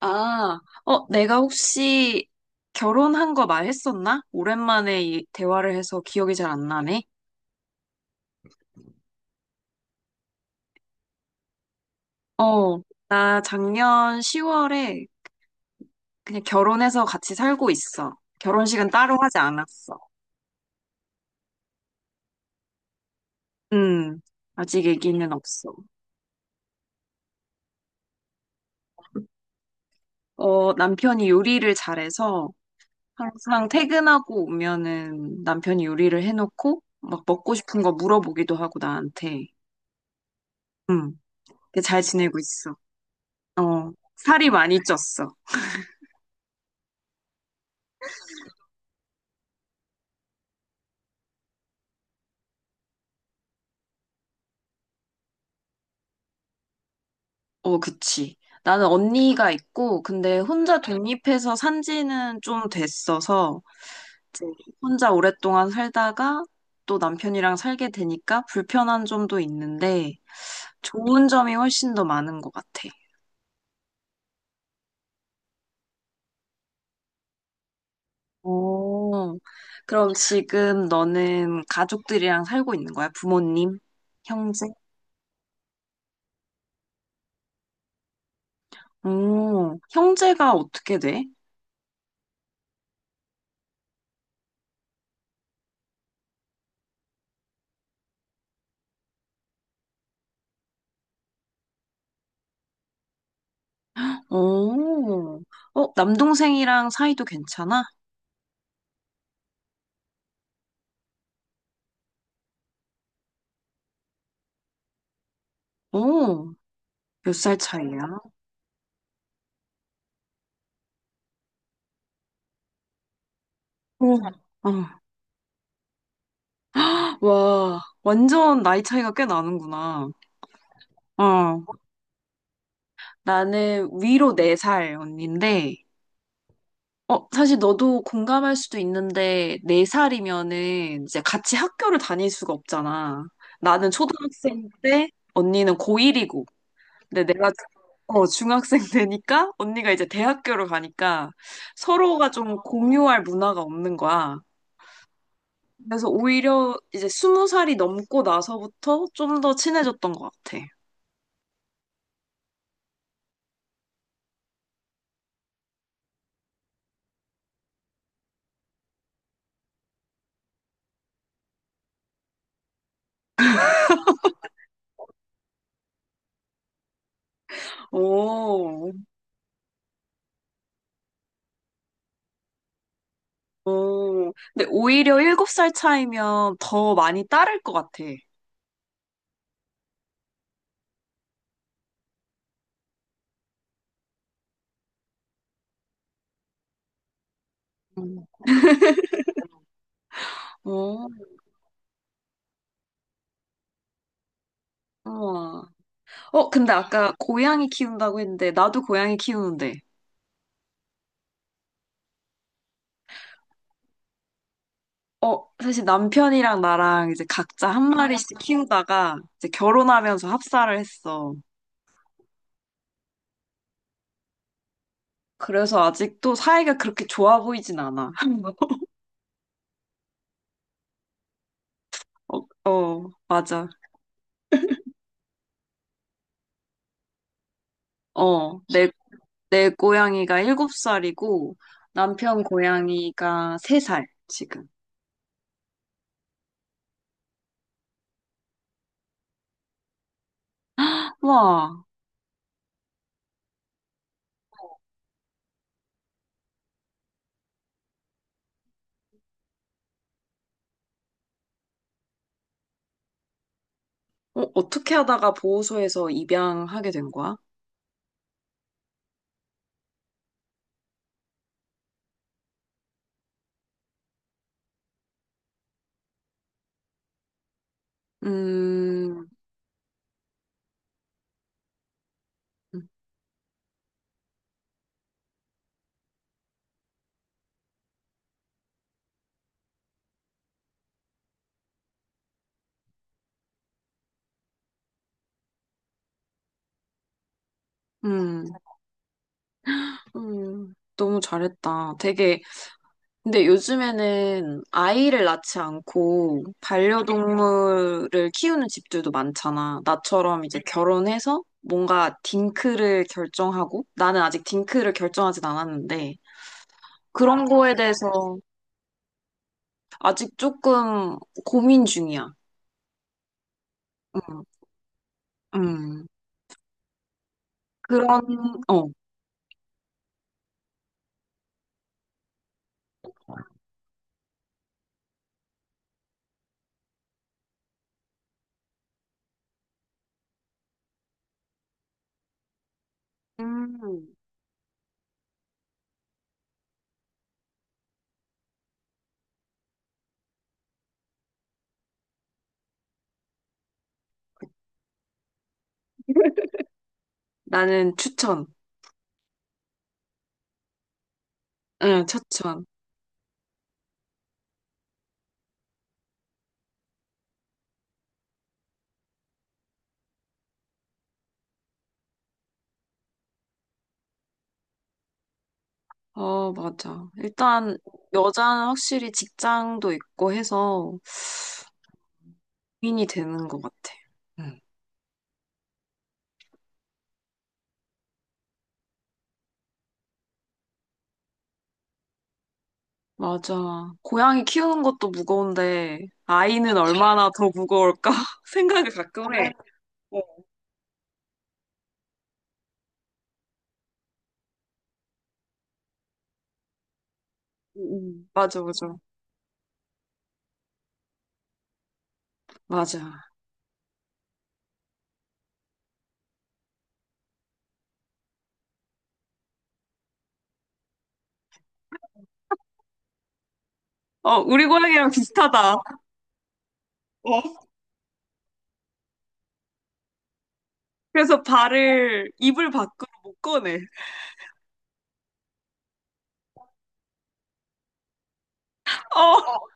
아, 내가 혹시 결혼한 거 말했었나? 오랜만에 이 대화를 해서 기억이 잘 안 나네. 어, 나 작년 10월에 그냥 결혼해서 같이 살고 있어. 결혼식은 따로 하지 않았어. 음, 아직 얘기는 없어. 남편이 요리를 잘해서 항상 퇴근하고 오면은 남편이 요리를 해놓고 막 먹고 싶은 거 물어보기도 하고 나한테. 음, 근데 잘 지내고 있어. 어, 살이 많이 쪘어. 어, 그치. 나는 언니가 있고, 근데 혼자 독립해서 산 지는 좀 됐어서, 이제 혼자 오랫동안 살다가 또 남편이랑 살게 되니까 불편한 점도 있는데, 좋은 점이 훨씬 더 많은 것 같아. 오, 그럼 지금 너는 가족들이랑 살고 있는 거야? 부모님? 형제? 오, 형제가 어떻게 돼? 오, 남동생이랑 사이도 괜찮아? 오, 몇 살 차이야? 어, 어. 와, 완전 나이 차이가 꽤 나는구나. 어, 나는 위로 4살 언니인데, 사실 너도 공감할 수도 있는데, 4살이면은 이제 같이 학교를 다닐 수가 없잖아. 나는 초등학생 때, 언니는 고1이고, 근데 내가 중학생 되니까, 언니가 이제 대학교를 가니까, 서로가 좀 공유할 문화가 없는 거야. 그래서 오히려 이제 20살이 넘고 나서부터 좀 더 친해졌던 것 같아. 오, 오. 근데 오히려 7살 차이면 더 많이 따를 것 같아. 음. 오, 우와. 근데 아까 고양이 키운다고 했는데, 나도 고양이 키우는데, 사실 남편이랑 나랑 이제 각자 한 마리씩 키우다가 이제 결혼하면서 합사를 했어. 그래서 아직도 사이가 그렇게 좋아 보이진 않아. 어, 어, 맞아. 어, 내, 내 고양이가 7살이고 남편 고양이가 3살, 지금. 와, 어떻게 하다가 보호소에서 입양하게 된 거야? 음, 음, 너무 잘했다. 되게, 근데 요즘에는 아이를 낳지 않고 반려동물을 키우는 집들도 많잖아. 나처럼 이제 결혼해서 뭔가 딩크를 결정하고, 나는 아직 딩크를 결정하진 않았는데, 그런 거에 대해서 아직 조금 고민 중이야. 음, 음. 그런, 어. 음. 나는 추천. 응, 추천. 어, 맞아. 일단, 여자는 확실히 직장도 있고 해서 고민이 되는 것 같아. 응, 맞아. 고양이 키우는 것도 무거운데, 아이는 얼마나 더 무거울까 생각을 가끔 해. 어, 음, 맞아, 맞아. 맞아. 어, 우리 고양이랑 비슷하다. 그래서 발을, 입을 밖으로 못 꺼내. 어,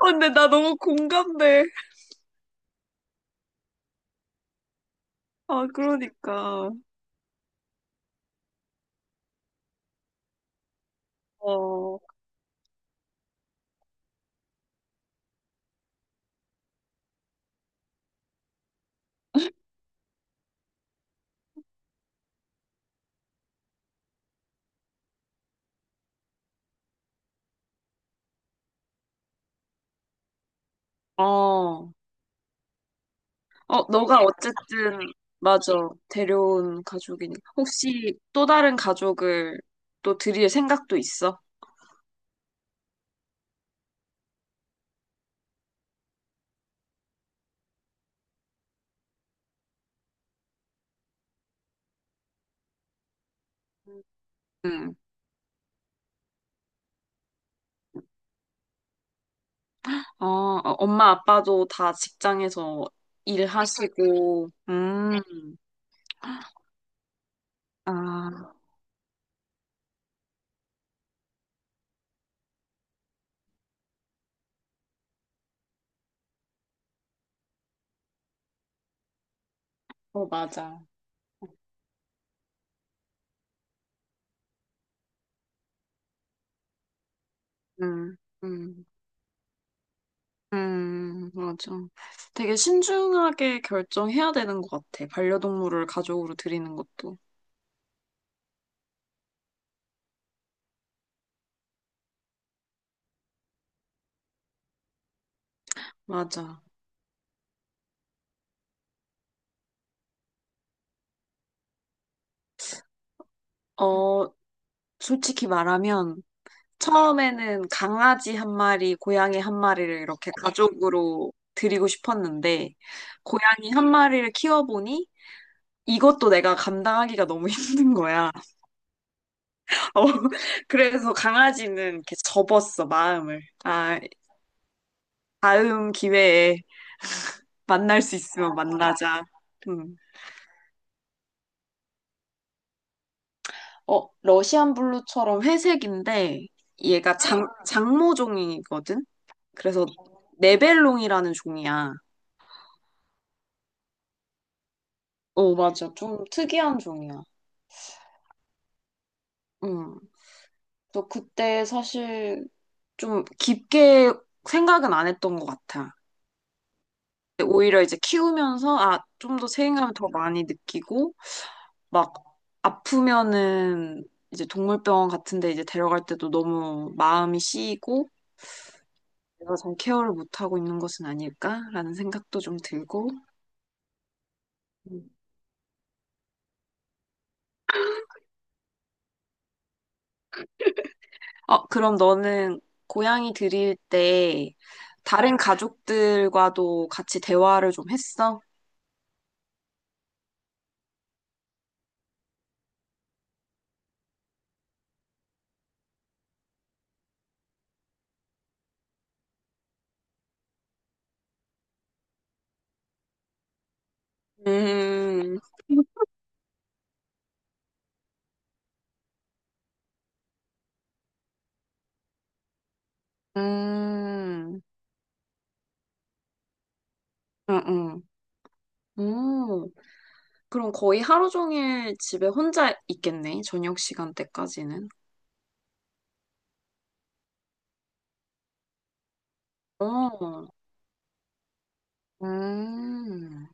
근데 나 너무 공감돼. 아, 그러니까. 어. 어, 어, 너가 어쨌든, 맞아, 데려온 가족이니. 혹시 또 다른 가족을 또 드릴 생각도 있어? 응. 어, 어, 엄마, 아빠도 다 직장에서 일하시고. 아, 맞아. 음, 음, 맞아. 되게 신중하게 결정해야 되는 것 같아. 반려동물을 가족으로 드리는 것도. 맞아. 어, 솔직히 말하면, 처음에는 강아지 한 마리, 고양이 한 마리를 이렇게 가족으로 드리고 싶었는데, 고양이 한 마리를 키워보니 이것도 내가 감당하기가 너무 힘든 거야. 어, 그래서 강아지는 이렇게 접었어, 마음을. 아, 다음 기회에 만날 수 있으면 만나자. 음. 러시안 블루처럼 회색인데, 얘가 장모종이거든? 그래서 네벨롱이라는 종이야. 어, 맞아. 좀 특이한 종이야. 응. 또 그때 사실 좀 깊게 생각은 안 했던 것 같아. 근데 오히려 이제 키우면서, 아, 좀 더 책임감을 더 많이 느끼고, 막 아프면은 이제 동물병원 같은 데 이제 데려갈 때도 너무 마음이 씌이고 내가 잘 케어를 못하고 있는 것은 아닐까라는 생각도 좀 들고. 음. 그럼 너는 고양이 들일 때 다른 가족들과도 같이 대화를 좀 했어? 음. 음, 응, 응. 음, 그럼 거의 하루 종일 집에 혼자 있겠네, 저녁 시간대까지는. 어, 음,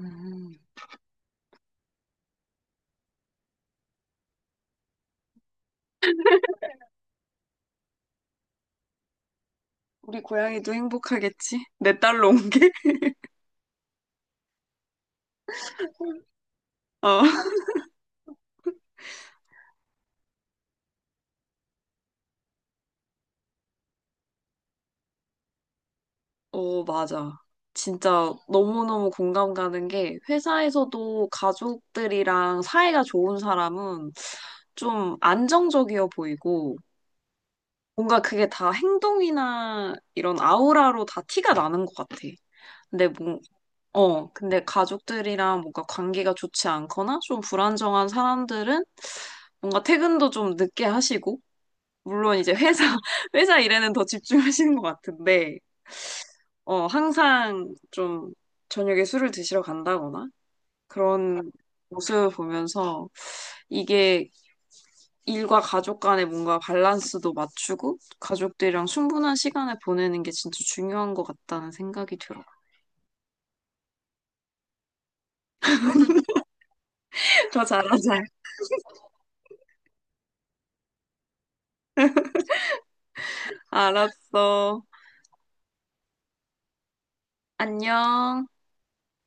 음. 우리 고양이도 행복하겠지? 내 딸로 온 게? 어, 어, 맞아. 진짜 너무너무 공감 가는 게 회사에서도 가족들이랑 사이가 좋은 사람은 좀 안정적이어 보이고 뭔가 그게 다 행동이나 이런 아우라로 다 티가 나는 것 같아. 근데 뭐, 근데 가족들이랑 뭔가 관계가 좋지 않거나 좀 불안정한 사람들은 뭔가 퇴근도 좀 늦게 하시고, 물론 이제 회사, 회사 일에는 더 집중하시는 것 같은데, 항상 좀 저녁에 술을 드시러 간다거나 그런 모습을 보면서 이게 일과 가족 간의 뭔가 밸런스도 맞추고 가족들이랑 충분한 시간을 보내는 게 진짜 중요한 것 같다는 생각이 들어. 더 잘하자. 알았어. 안녕.